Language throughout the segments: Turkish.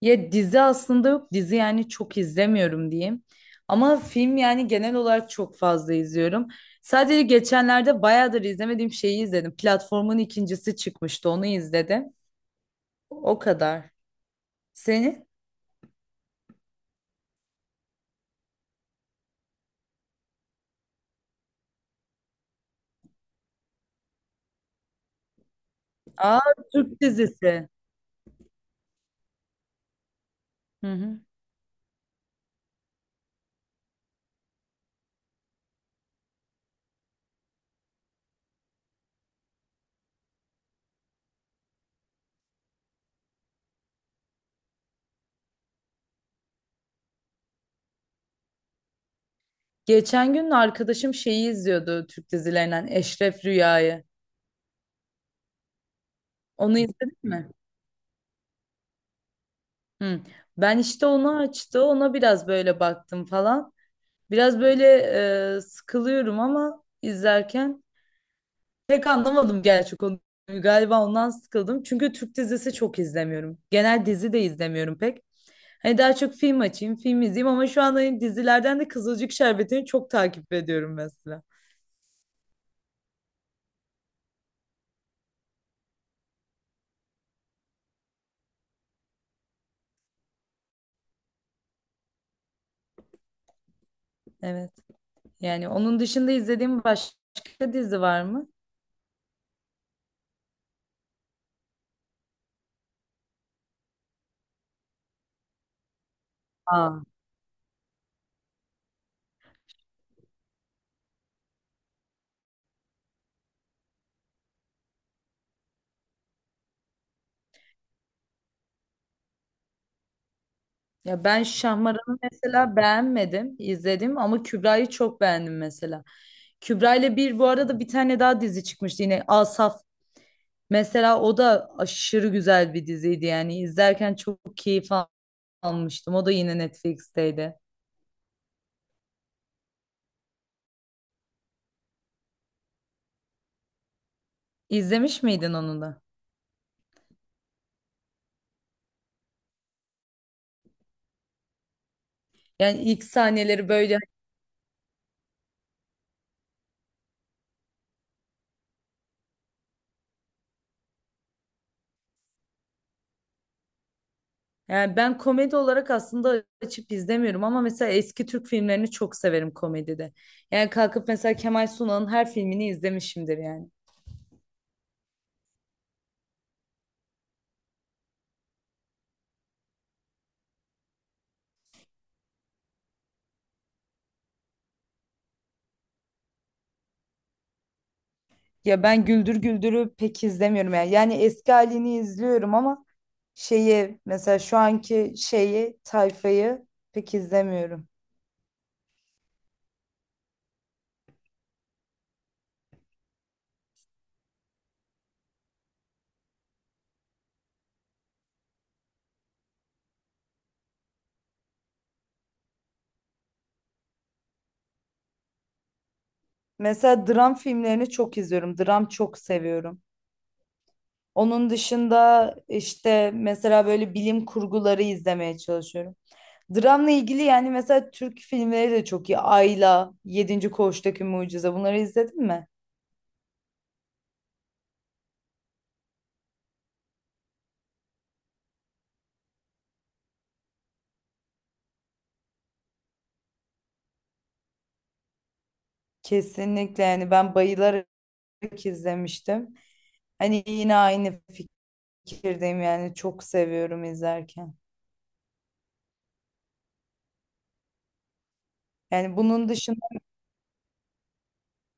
Ya dizi aslında yok. Dizi yani çok izlemiyorum diyeyim. Ama film yani genel olarak çok fazla izliyorum. Sadece geçenlerde bayağıdır izlemediğim şeyi izledim. Platformun ikincisi çıkmıştı. Onu izledim. O kadar. Seni? Aa, Türk dizisi. Hı hı. Geçen gün arkadaşım şeyi izliyordu, Türk dizilerinden Eşref Rüya'yı. Onu izledin mi? Hı. Ben işte onu açtı. Ona biraz böyle baktım falan. Biraz böyle sıkılıyorum ama izlerken pek anlamadım gerçi konuyu. Galiba ondan sıkıldım. Çünkü Türk dizisi çok izlemiyorum. Genel dizi de izlemiyorum pek. Hani daha çok film açayım, film izleyeyim, ama şu anda hani dizilerden de Kızılcık Şerbeti'ni çok takip ediyorum mesela. Evet. Yani onun dışında izlediğim başka dizi var mı? Aa. Ya ben Şahmaran'ı mesela beğenmedim, izledim, ama Kübra'yı çok beğendim mesela. Kübra ile bir bu arada bir tane daha dizi çıkmıştı yine, Asaf. Mesela o da aşırı güzel bir diziydi, yani izlerken çok almıştım. O da yine Netflix'teydi. İzlemiş miydin onu da? Yani ilk sahneleri böyle, yani ben komedi olarak aslında açıp izlemiyorum, ama mesela eski Türk filmlerini çok severim komedide. Yani kalkıp mesela Kemal Sunal'ın her filmini izlemişimdir yani. Ya ben Güldür Güldür'ü pek izlemiyorum yani. Yani eski halini izliyorum ama şeyi, mesela şu anki şeyi, tayfayı pek izlemiyorum. Mesela dram filmlerini çok izliyorum. Dram çok seviyorum. Onun dışında işte mesela böyle bilim kurguları izlemeye çalışıyorum. Dramla ilgili yani, mesela Türk filmleri de çok iyi. Ayla, Yedinci Koğuştaki Mucize, bunları izledin mi? Kesinlikle, yani ben bayılarak izlemiştim. Hani yine aynı fikirdeyim, yani çok seviyorum izlerken. Yani bunun dışında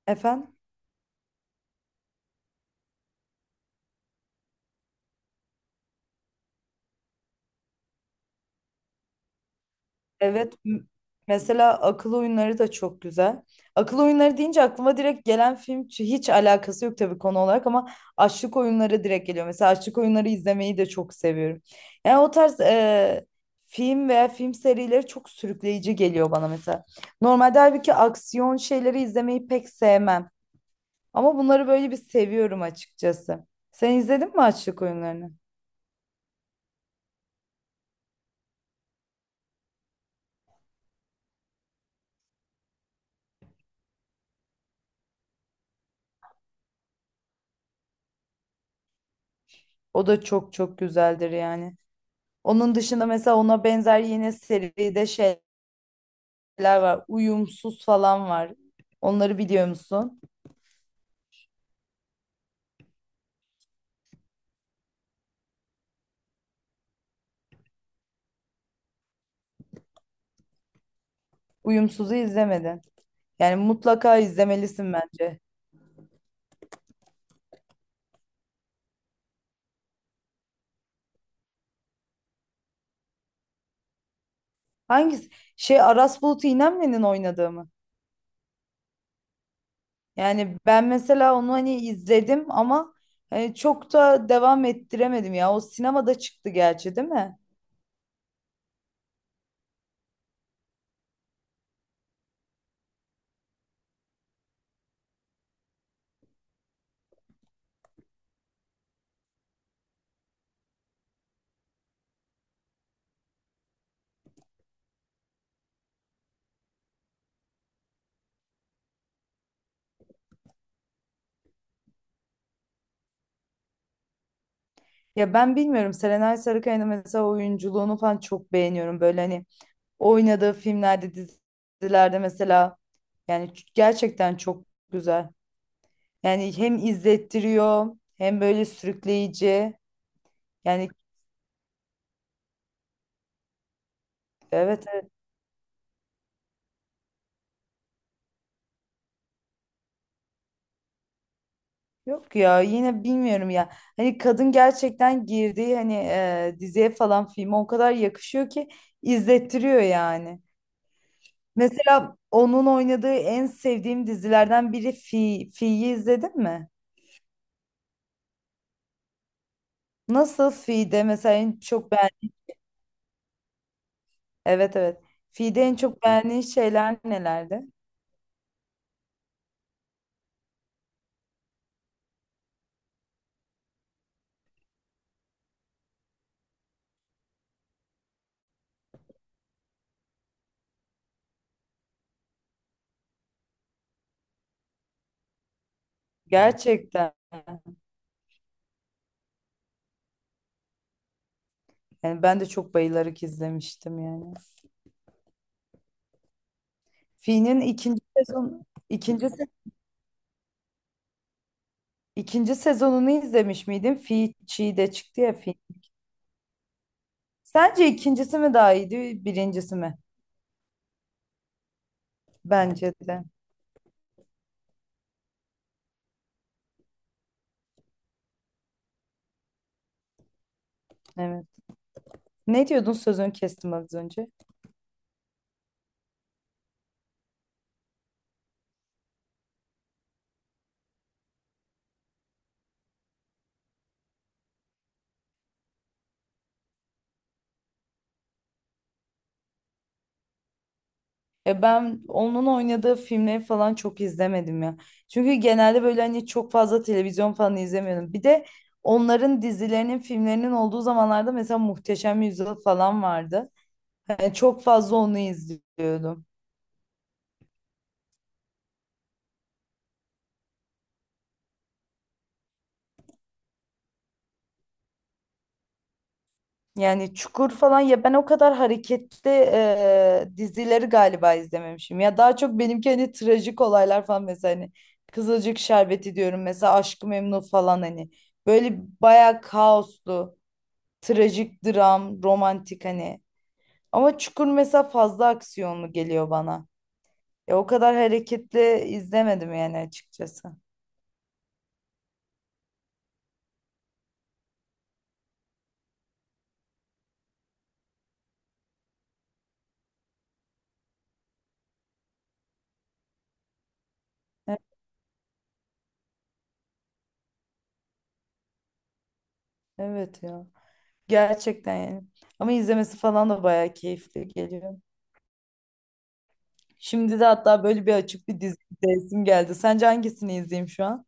efendim? Evet, mesela akıl oyunları da çok güzel. Akıl oyunları deyince aklıma direkt gelen film hiç alakası yok tabii konu olarak ama açlık oyunları direkt geliyor. Mesela açlık oyunları izlemeyi de çok seviyorum. Yani o tarz film veya film serileri çok sürükleyici geliyor bana mesela. Normalde halbuki aksiyon şeyleri izlemeyi pek sevmem. Ama bunları böyle bir seviyorum açıkçası. Sen izledin mi açlık oyunlarını? O da çok çok güzeldir yani. Onun dışında mesela ona benzer yine seride şeyler var. Uyumsuz falan var. Onları biliyor musun? Uyumsuz'u izlemedin. Yani mutlaka izlemelisin bence. Hangisi? Şey, Aras Bulut İynemli'nin oynadığı mı? Yani ben mesela onu hani izledim ama hani çok da devam ettiremedim ya. O sinemada çıktı gerçi, değil mi? Ya ben bilmiyorum, Serenay Sarıkaya'nın mesela oyunculuğunu falan çok beğeniyorum. Böyle hani oynadığı filmlerde, dizilerde mesela, yani gerçekten çok güzel. Yani hem izlettiriyor hem böyle sürükleyici. Yani evet, evet, yok ya, yine bilmiyorum ya. Hani kadın gerçekten girdiği hani diziye falan filme o kadar yakışıyor ki izlettiriyor yani. Mesela onun oynadığı en sevdiğim dizilerden biri Fi. Fi'yi izledin mi? Nasıl Fi'de mesela en çok beğen. Evet, evet. Fi'de en çok beğendiğin şeyler nelerdi? Gerçekten. Yani ben de çok bayılarak izlemiştim yani. Fi'nin ikinci sezon ikinci se- ikinci sezonunu izlemiş miydin? Fi Çiğ de çıktı ya, Fi. Sence ikincisi mi daha iyiydi, birincisi mi? Bence de. Evet. Ne diyordun? Sözünü kestim az önce. E ben onun oynadığı filmleri falan çok izlemedim ya. Çünkü genelde böyle hani çok fazla televizyon falan izlemiyorum. Bir de onların dizilerinin, filmlerinin olduğu zamanlarda mesela Muhteşem Yüzyıl falan vardı. Yani çok fazla onu izliyordum. Yani Çukur falan, ya ben o kadar hareketli dizileri galiba izlememişim. Ya daha çok benimki hani trajik olaylar falan, mesela hani Kızılcık Şerbeti diyorum mesela, Aşk-ı Memnu falan hani, böyle bayağı kaoslu, trajik dram, romantik hani. Ama Çukur mesela fazla aksiyonlu geliyor bana. Ya o kadar hareketli izlemedim yani açıkçası. E- Evet ya. Gerçekten yani. Ama izlemesi falan da bayağı keyifli geliyor. Şimdi de hatta böyle bir açık bir dizi izleyesim geldi. Sence hangisini izleyeyim şu an?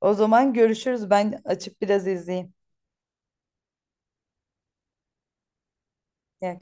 O zaman görüşürüz. Ben açıp biraz izleyeyim. İyi akşamlar.